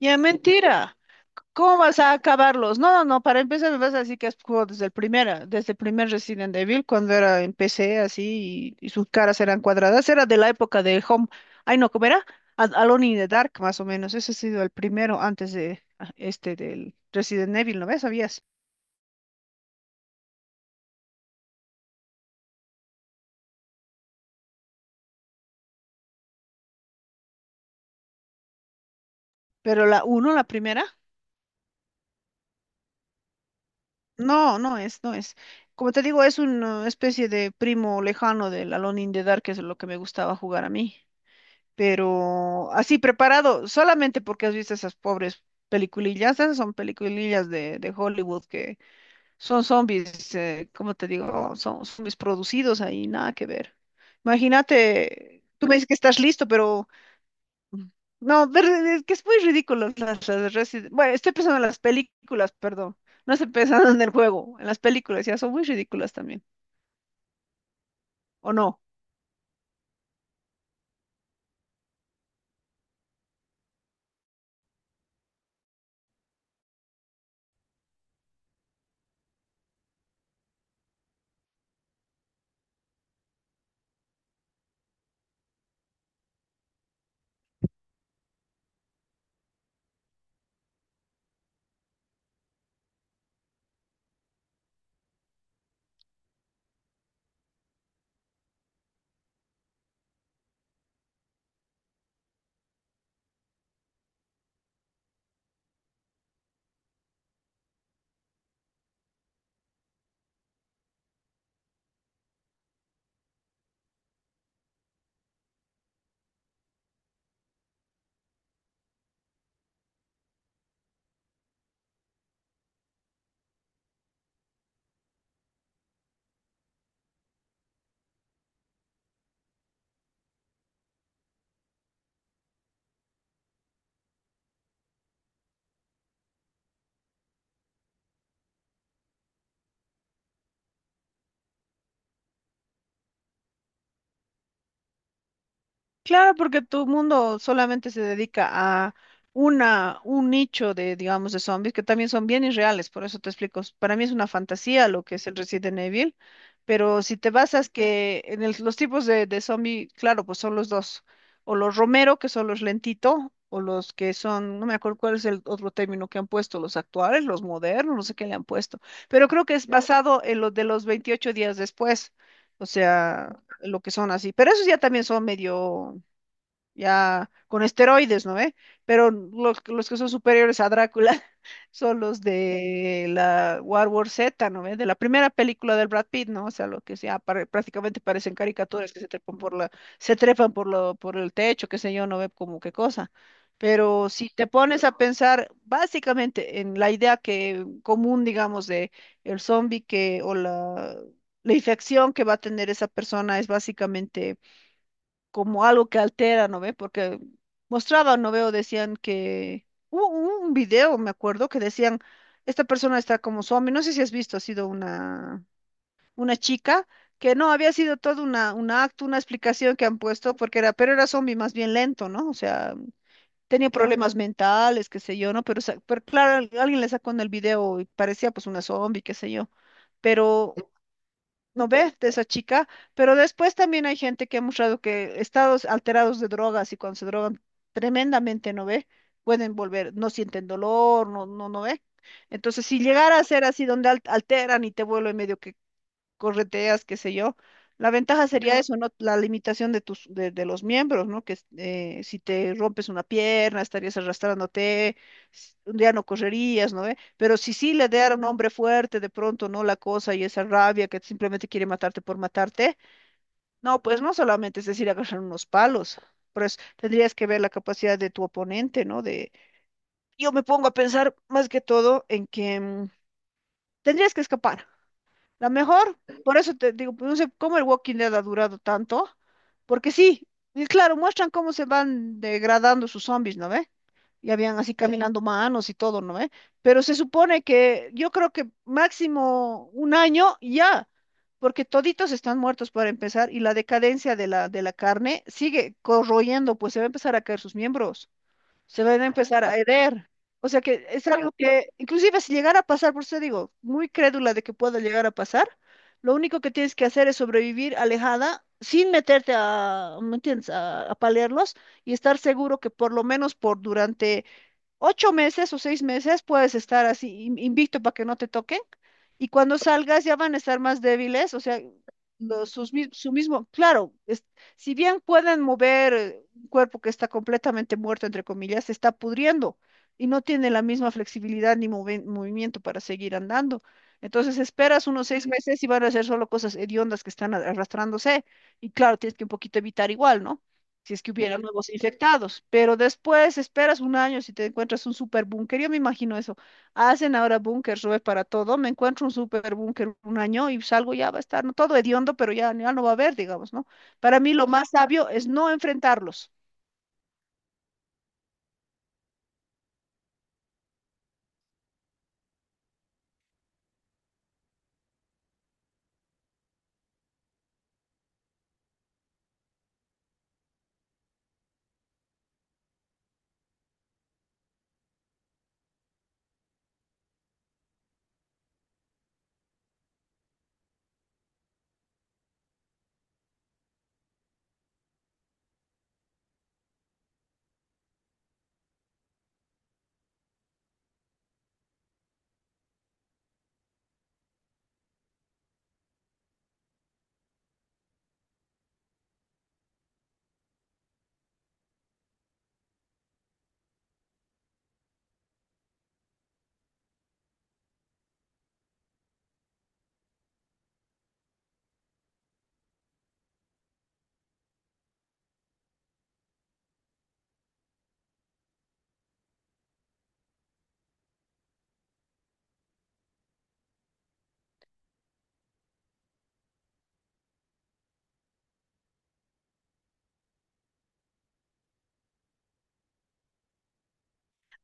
Ya mentira. ¿Cómo vas a acabarlos? No, no, no. Para empezar me vas a decir que has jugado desde desde el primer Resident Evil, cuando era empecé así y sus caras eran cuadradas. Era de la época de Home. Ay, no, ¿cómo era? Alone in the Dark, más o menos. Ese ha sido el primero antes de este del Resident Evil, ¿no ves? ¿Sabías? Pero la uno, la primera, no, no es. Como te digo, es una especie de primo lejano del Alone in the Dark, que es lo que me gustaba jugar a mí. Pero así preparado, solamente porque has visto esas pobres peliculillas. Esas son peliculillas de Hollywood que son zombies. ¿Cómo te digo? Son zombies producidos ahí, nada que ver. Imagínate, tú me dices que estás listo, pero mm, no, es que es muy ridículo Bueno, estoy pensando en las películas, perdón, no estoy pensando en el juego, en las películas ya son muy ridículas también, ¿o no? Claro, porque todo el mundo solamente se dedica a un nicho de, digamos, de zombies que también son bien irreales, por eso te explico. Para mí es una fantasía lo que es el Resident Evil, pero si te basas que en los tipos de zombie, claro, pues son los dos, o los Romero, que son los lentito, o los que son, no me acuerdo cuál es el otro término que han puesto, los actuales, los modernos, no sé qué le han puesto, pero creo que es basado en lo de los 28 días después, o sea, lo que son así, pero esos ya también son medio ya con esteroides, ¿no ve? Pero los que son superiores a Drácula son los de la World War Z, ¿no ve? De la primera película del Brad Pitt, ¿no? O sea, lo que sea, prácticamente parecen caricaturas que se trepan por por el techo, qué sé yo, no ve como qué cosa. Pero si te pones a pensar básicamente en la idea que común, digamos, de el zombie que o la infección que va a tener esa persona es básicamente como algo que altera, ¿no ve? Porque mostraban, ¿no veo? Decían que hubo un video, me acuerdo, que decían, esta persona está como zombie, no sé si has visto, ha sido una chica, que no, había sido todo un acto, una explicación que han puesto, porque era, pero era zombie más bien lento, ¿no? O sea, tenía problemas mentales, qué sé yo, ¿no? Pero, claro, alguien le sacó en el video y parecía pues una zombie, qué sé yo. Pero ¿no ve? De esa chica, pero después también hay gente que ha mostrado que estados alterados de drogas y cuando se drogan tremendamente, ¿no ve? Pueden volver, no sienten dolor, no ve. Entonces, si llegara a ser así donde alteran y te vuelve medio que correteas, qué sé yo. La ventaja sería eso, ¿no? La limitación de tus, de los miembros, ¿no? Que si te rompes una pierna, estarías arrastrándote, un día no correrías, ¿no ve? Pero si sí le diera a un hombre fuerte de pronto, ¿no? La cosa y esa rabia que simplemente quiere matarte por matarte, no, pues no solamente es decir agarrar unos palos, pero tendrías que ver la capacidad de tu oponente, ¿no? De, yo me pongo a pensar más que todo en que tendrías que escapar. La mejor, por eso te digo, pues, no sé cómo el Walking Dead ha durado tanto, porque sí, y claro, muestran cómo se van degradando sus zombies, ¿no ve? Y habían así, sí, caminando manos y todo, ¿no ve? Pero se supone que yo creo que máximo un año y ya, porque toditos están muertos para empezar y la decadencia de la carne sigue corroyendo, pues se va a empezar a caer sus miembros, se van a empezar a herer. O sea que es algo que, inclusive si llegara a pasar, por eso digo, muy crédula de que pueda llegar a pasar, lo único que tienes que hacer es sobrevivir alejada, sin meterte a, ¿me entiendes?, a palearlos y estar seguro que por lo menos por durante 8 meses o 6 meses puedes estar así invicto para que no te toquen, y cuando salgas ya van a estar más débiles, o sea, su mismo, claro, si bien pueden mover un cuerpo que está completamente muerto, entre comillas, se está pudriendo y no tiene la misma flexibilidad ni movimiento para seguir andando. Entonces esperas unos 6 meses y van a ser solo cosas hediondas que están arrastrándose, y claro, tienes que un poquito evitar igual, ¿no? Si es que hubiera nuevos infectados. Pero después esperas un año si te encuentras un superbúnker. Yo me imagino eso. Hacen ahora búnkers, Rubén, para todo. Me encuentro un superbúnker un año y salgo, ya va a estar, ¿no?, todo hediondo, pero ya, ya no va a haber, digamos, ¿no? Para mí lo más sabio es no enfrentarlos.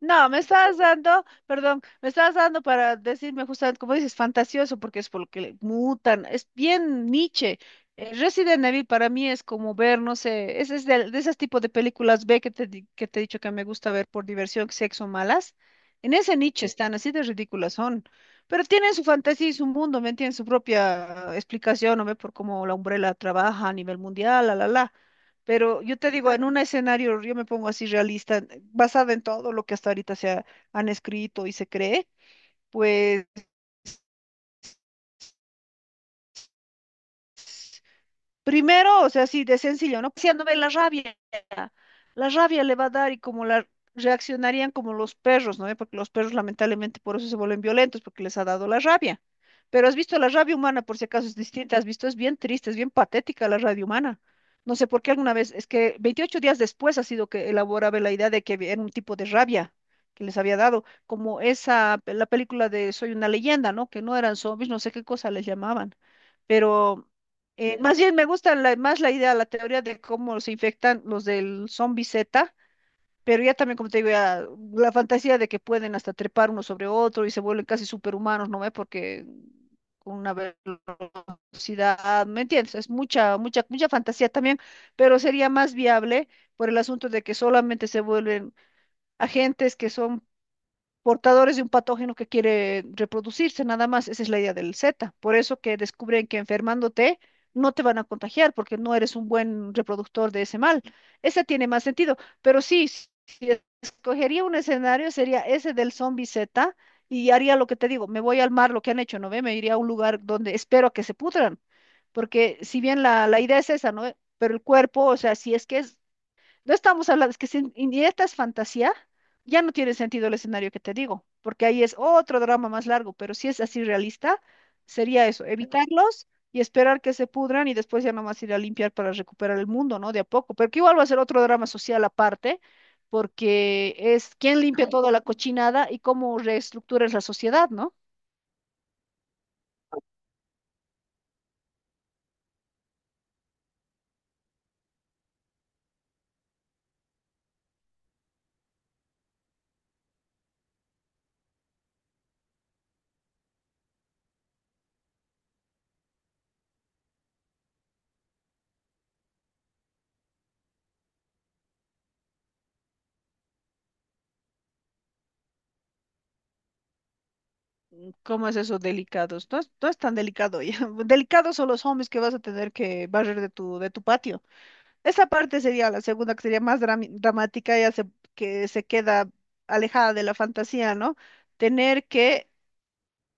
No, me estás dando, perdón, me estás dando para decirme justamente, como dices, fantasioso, porque es por lo que le mutan. Es bien Nietzsche. Resident Evil para mí es como ver, no sé, es de esos tipos de películas B que que te he dicho que me gusta ver por diversión, sexo, malas. En ese nicho están, así de ridículas son. Pero tienen su fantasía y su mundo, ¿me entiendes? Su propia explicación, ¿no ve? Por cómo la Umbrella trabaja a nivel mundial, la, la, la. Pero yo te digo, en un escenario, yo me pongo así realista, basada en todo lo que hasta ahorita han escrito y se cree, pues primero, o sea, así de sencillo, ¿no? Paseándome la rabia. La rabia le va a dar, y como la reaccionarían como los perros, ¿no? Porque los perros lamentablemente por eso se vuelven violentos, porque les ha dado la rabia. Pero has visto la rabia humana, por si acaso es distinta, has visto, es bien triste, es bien patética la rabia humana. No sé por qué alguna vez, es que 28 días después ha sido que elaboraba la idea de que era un tipo de rabia que les había dado, como esa, la película de Soy una leyenda, ¿no? Que no eran zombies, no sé qué cosa les llamaban, pero más bien me gusta más la idea, la teoría de cómo se infectan los del zombie Z, pero ya también, como te digo, ya la fantasía de que pueden hasta trepar uno sobre otro y se vuelven casi superhumanos, ¿no ve? Porque con una velocidad, ¿me entiendes? Es mucha, mucha, mucha fantasía también, pero sería más viable por el asunto de que solamente se vuelven agentes que son portadores de un patógeno que quiere reproducirse, nada más. Esa es la idea del Z. Por eso que descubren que enfermándote no te van a contagiar porque no eres un buen reproductor de ese mal. Ese tiene más sentido. Pero sí, si escogería un escenario, sería ese del zombie Z, y haría lo que te digo, me voy al mar, lo que han hecho, ¿no ve? Me iría a un lugar donde espero a que se pudran. Porque si bien la idea es esa, ¿no ve? Pero el cuerpo, o sea, si es que es, no estamos hablando, es que si indirecta es fantasía, ya no tiene sentido el escenario que te digo, porque ahí es otro drama más largo, pero si es así realista, sería eso, evitarlos y esperar que se pudran, y después ya nomás ir a limpiar para recuperar el mundo, ¿no? De a poco, pero que igual va a ser otro drama social aparte, porque es quién limpia toda la cochinada y cómo reestructuras la sociedad, ¿no? ¿Cómo es eso delicados? No es tan delicado ya. Delicados son los hombres que vas a tener que barrer de tu patio. Esa parte sería la segunda, que sería más dramática, que se queda alejada de la fantasía, ¿no? Tener que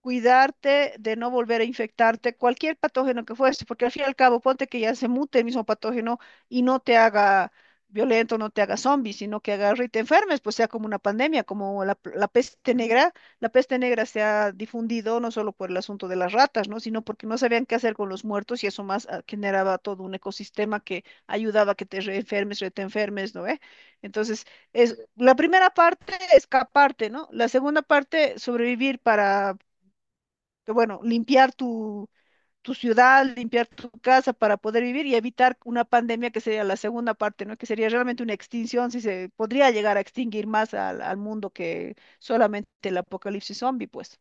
cuidarte de no volver a infectarte cualquier patógeno que fuese, porque al fin y al cabo, ponte que ya se mute el mismo patógeno y no te haga violento, no te haga zombie, sino que agarre y te enfermes, pues sea como una pandemia, como la peste negra. La peste negra se ha difundido no solo por el asunto de las ratas, ¿no? Sino porque no sabían qué hacer con los muertos, y eso más generaba todo un ecosistema que ayudaba a que te reenfermes, re te enfermes, ¿no? Entonces, la primera parte, escaparte, ¿no? La segunda parte, sobrevivir para que, bueno, limpiar tu ciudad, limpiar tu casa para poder vivir y evitar una pandemia, que sería la segunda parte, ¿no? Que sería realmente una extinción, si se podría llegar a extinguir más al mundo que solamente el apocalipsis zombie, pues.